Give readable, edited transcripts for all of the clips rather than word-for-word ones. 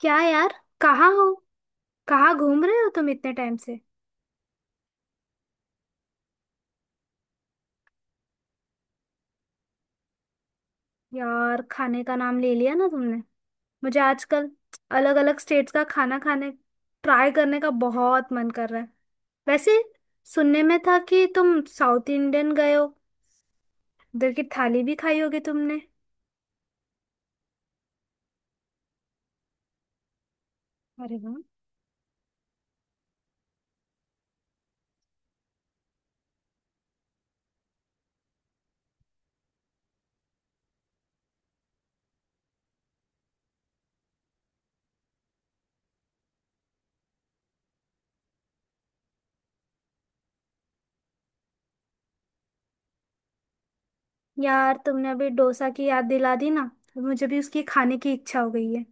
क्या यार, कहाँ हो। कहाँ घूम रहे हो तुम इतने टाइम से। यार, खाने का नाम ले लिया ना तुमने। मुझे आजकल अलग अलग स्टेट्स का खाना खाने, ट्राई करने का बहुत मन कर रहा है। वैसे, सुनने में था कि तुम साउथ इंडियन गए हो। उधर की थाली भी खाई होगी तुमने। अरे वाह। यार, तुमने अभी डोसा की याद दिला दी ना, तो मुझे भी उसकी खाने की इच्छा हो गई है।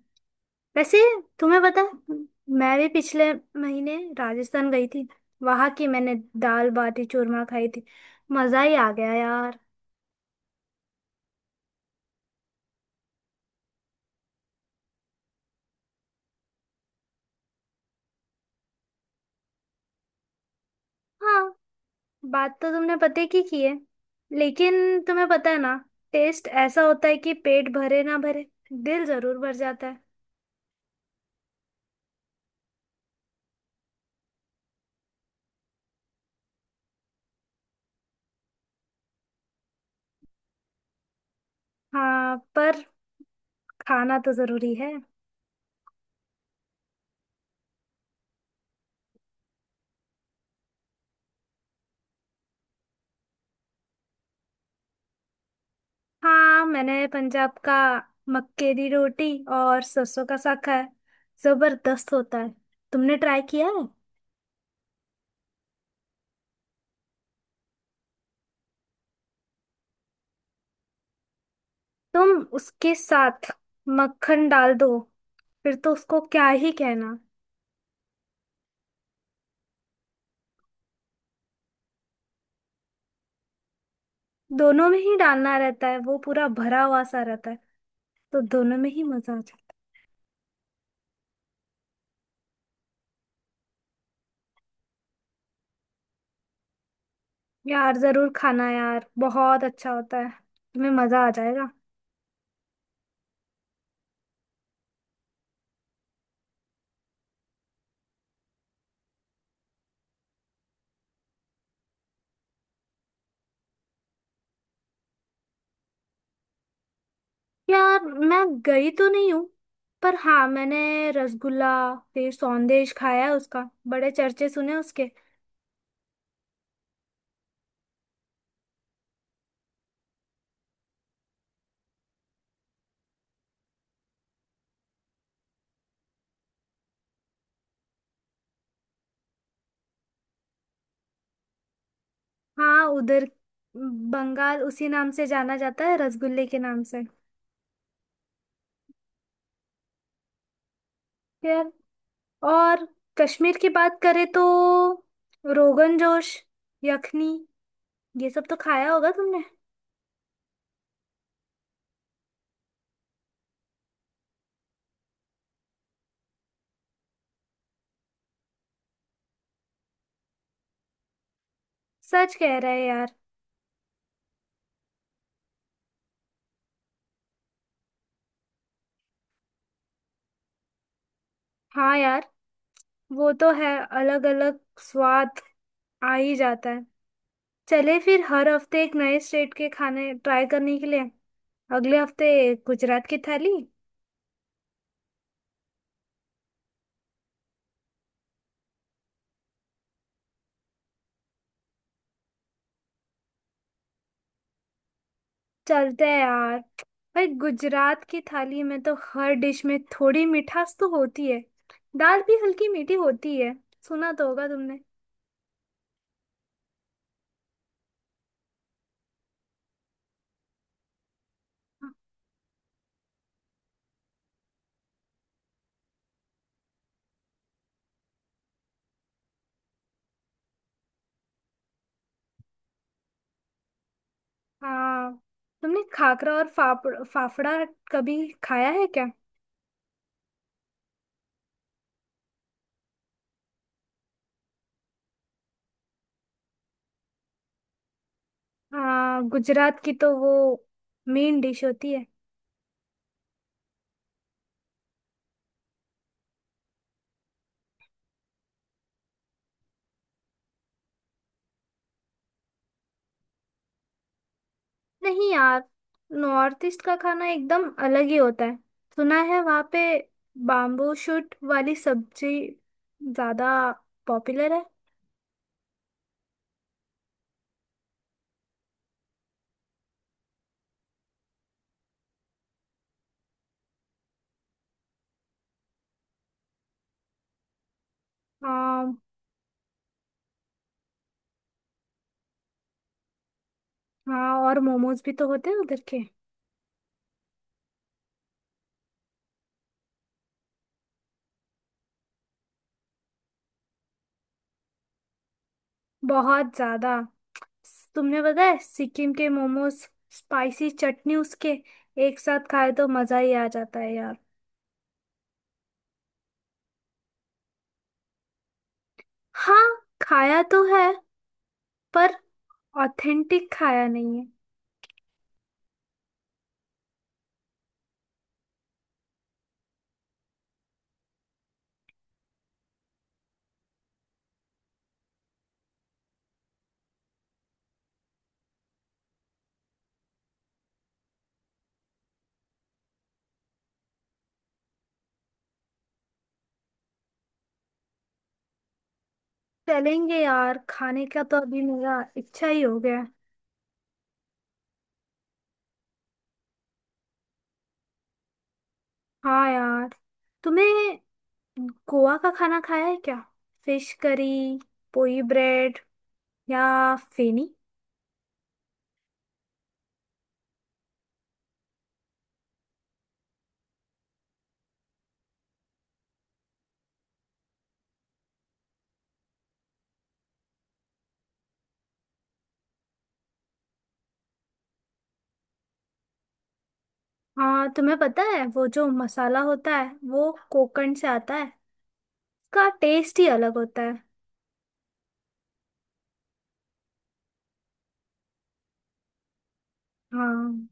वैसे, तुम्हें पता है, मैं भी पिछले महीने राजस्थान गई थी। वहां की मैंने दाल बाटी चूरमा खाई थी। मजा ही आ गया यार। हाँ, बात तो तुमने पते की है। लेकिन तुम्हें पता है ना, टेस्ट ऐसा होता है कि पेट भरे ना भरे, दिल जरूर भर जाता है। हाँ, पर खाना तो जरूरी है। हाँ, मैंने पंजाब का मक्के की रोटी और सरसों का साग खाया है। जबरदस्त होता है। तुमने ट्राई किया है? तुम उसके साथ मक्खन डाल दो, फिर तो उसको क्या ही कहना। दोनों में ही डालना रहता है, वो पूरा भरा हुआ सा रहता है। तो दोनों में ही मजा आ जाता है। यार जरूर खाना, यार बहुत अच्छा होता है। तुम्हें मजा आ जाएगा। यार मैं गई तो नहीं हूँ, पर हाँ, मैंने रसगुल्ला फिर सौंदेश खाया है। उसका बड़े चर्चे सुने उसके। हाँ, उधर बंगाल उसी नाम से जाना जाता है, रसगुल्ले के नाम से। यार, और कश्मीर की बात करें तो रोगन जोश, यखनी, ये सब तो खाया होगा तुमने। सच कह रहा है यार। हाँ यार, वो तो है। अलग अलग स्वाद आ ही जाता है। चले फिर हर हफ्ते एक नए स्टेट के खाने ट्राई करने के लिए। अगले हफ्ते गुजरात की थाली। चलते हैं यार। भाई, गुजरात की थाली में तो हर डिश में थोड़ी मिठास तो होती है। दाल भी हल्की मीठी होती है। सुना तो होगा तुमने। हाँ, तुमने खाकरा और फाफड़, फाफड़ा कभी खाया है क्या? हाँ, गुजरात की तो वो मेन डिश होती है। नहीं यार, नॉर्थ ईस्ट का खाना एकदम अलग ही होता है। सुना है वहाँ पे बाम्बू शूट वाली सब्जी ज्यादा पॉपुलर है। हाँ हाँ, और मोमोज भी तो होते हैं उधर के। बहुत ज्यादा। तुमने, पता है, सिक्किम के मोमोज स्पाइसी चटनी उसके एक साथ खाए तो मजा ही आ जाता है यार। हाँ, खाया तो है पर ऑथेंटिक खाया नहीं है। चलेंगे यार, खाने का तो अभी मेरा इच्छा ही हो गया है। हाँ यार, तुम्हें गोवा का खाना खाया है क्या? फिश करी, पोई ब्रेड या फेनी। हाँ, तुम्हें पता है वो जो मसाला होता है वो कोकण से आता है। उसका टेस्ट ही अलग होता है। हाँ।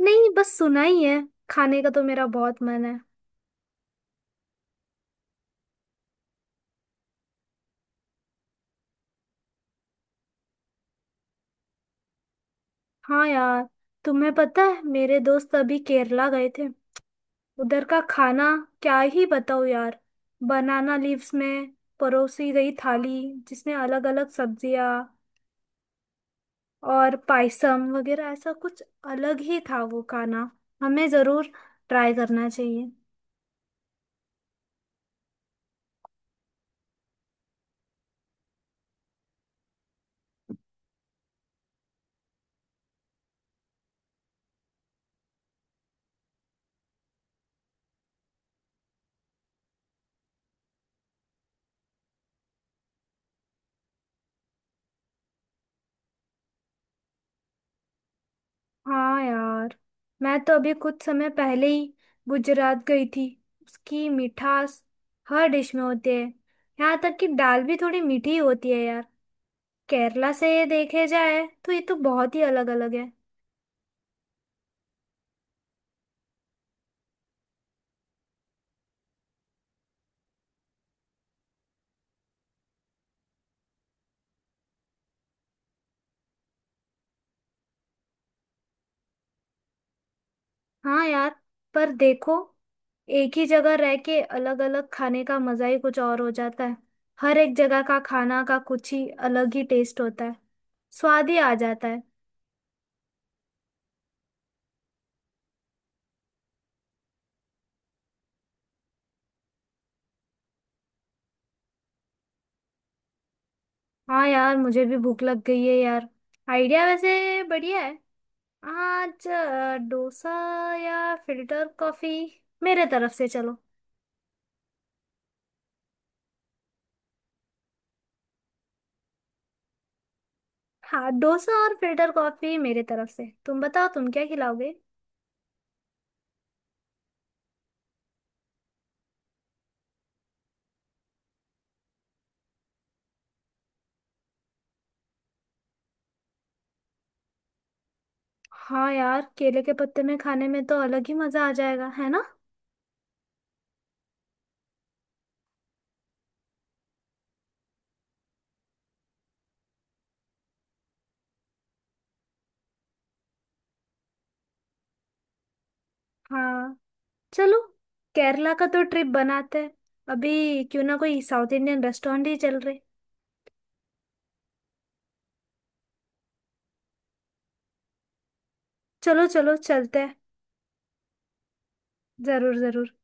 नहीं, बस सुना ही है। खाने का तो मेरा बहुत मन है। हाँ यार, तुम्हें पता है, मेरे दोस्त अभी केरला गए थे। उधर का खाना क्या ही बताओ यार। बनाना लीव्स में परोसी गई थाली, जिसमें अलग अलग सब्जियां और पायसम वगैरह ऐसा कुछ। अलग ही था वो खाना। हमें जरूर ट्राई करना चाहिए। हाँ यार, मैं तो अभी कुछ समय पहले ही गुजरात गई थी। उसकी मिठास हर डिश में होती है। यहाँ तक कि दाल भी थोड़ी मीठी होती है यार। केरला से ये देखे जाए तो ये तो बहुत ही अलग अलग है। हाँ यार, पर देखो, एक ही जगह रह के अलग अलग खाने का मजा ही कुछ और हो जाता है। हर एक जगह का खाना का कुछ ही अलग ही टेस्ट होता है। स्वाद ही आ जाता है। हाँ यार, मुझे भी भूख लग गई है यार। आइडिया वैसे बढ़िया है। आज डोसा या फिल्टर कॉफी मेरे तरफ से, चलो। हाँ, डोसा और फिल्टर कॉफी मेरे तरफ से। तुम बताओ तुम क्या खिलाओगे। हाँ यार, केले के पत्ते में खाने में तो अलग ही मजा आ जाएगा, है ना। हाँ, चलो, केरला का तो ट्रिप बनाते हैं। अभी क्यों ना कोई साउथ इंडियन रेस्टोरेंट ही चल रहे। चलो चलो, चलते हैं। जरूर जरूर।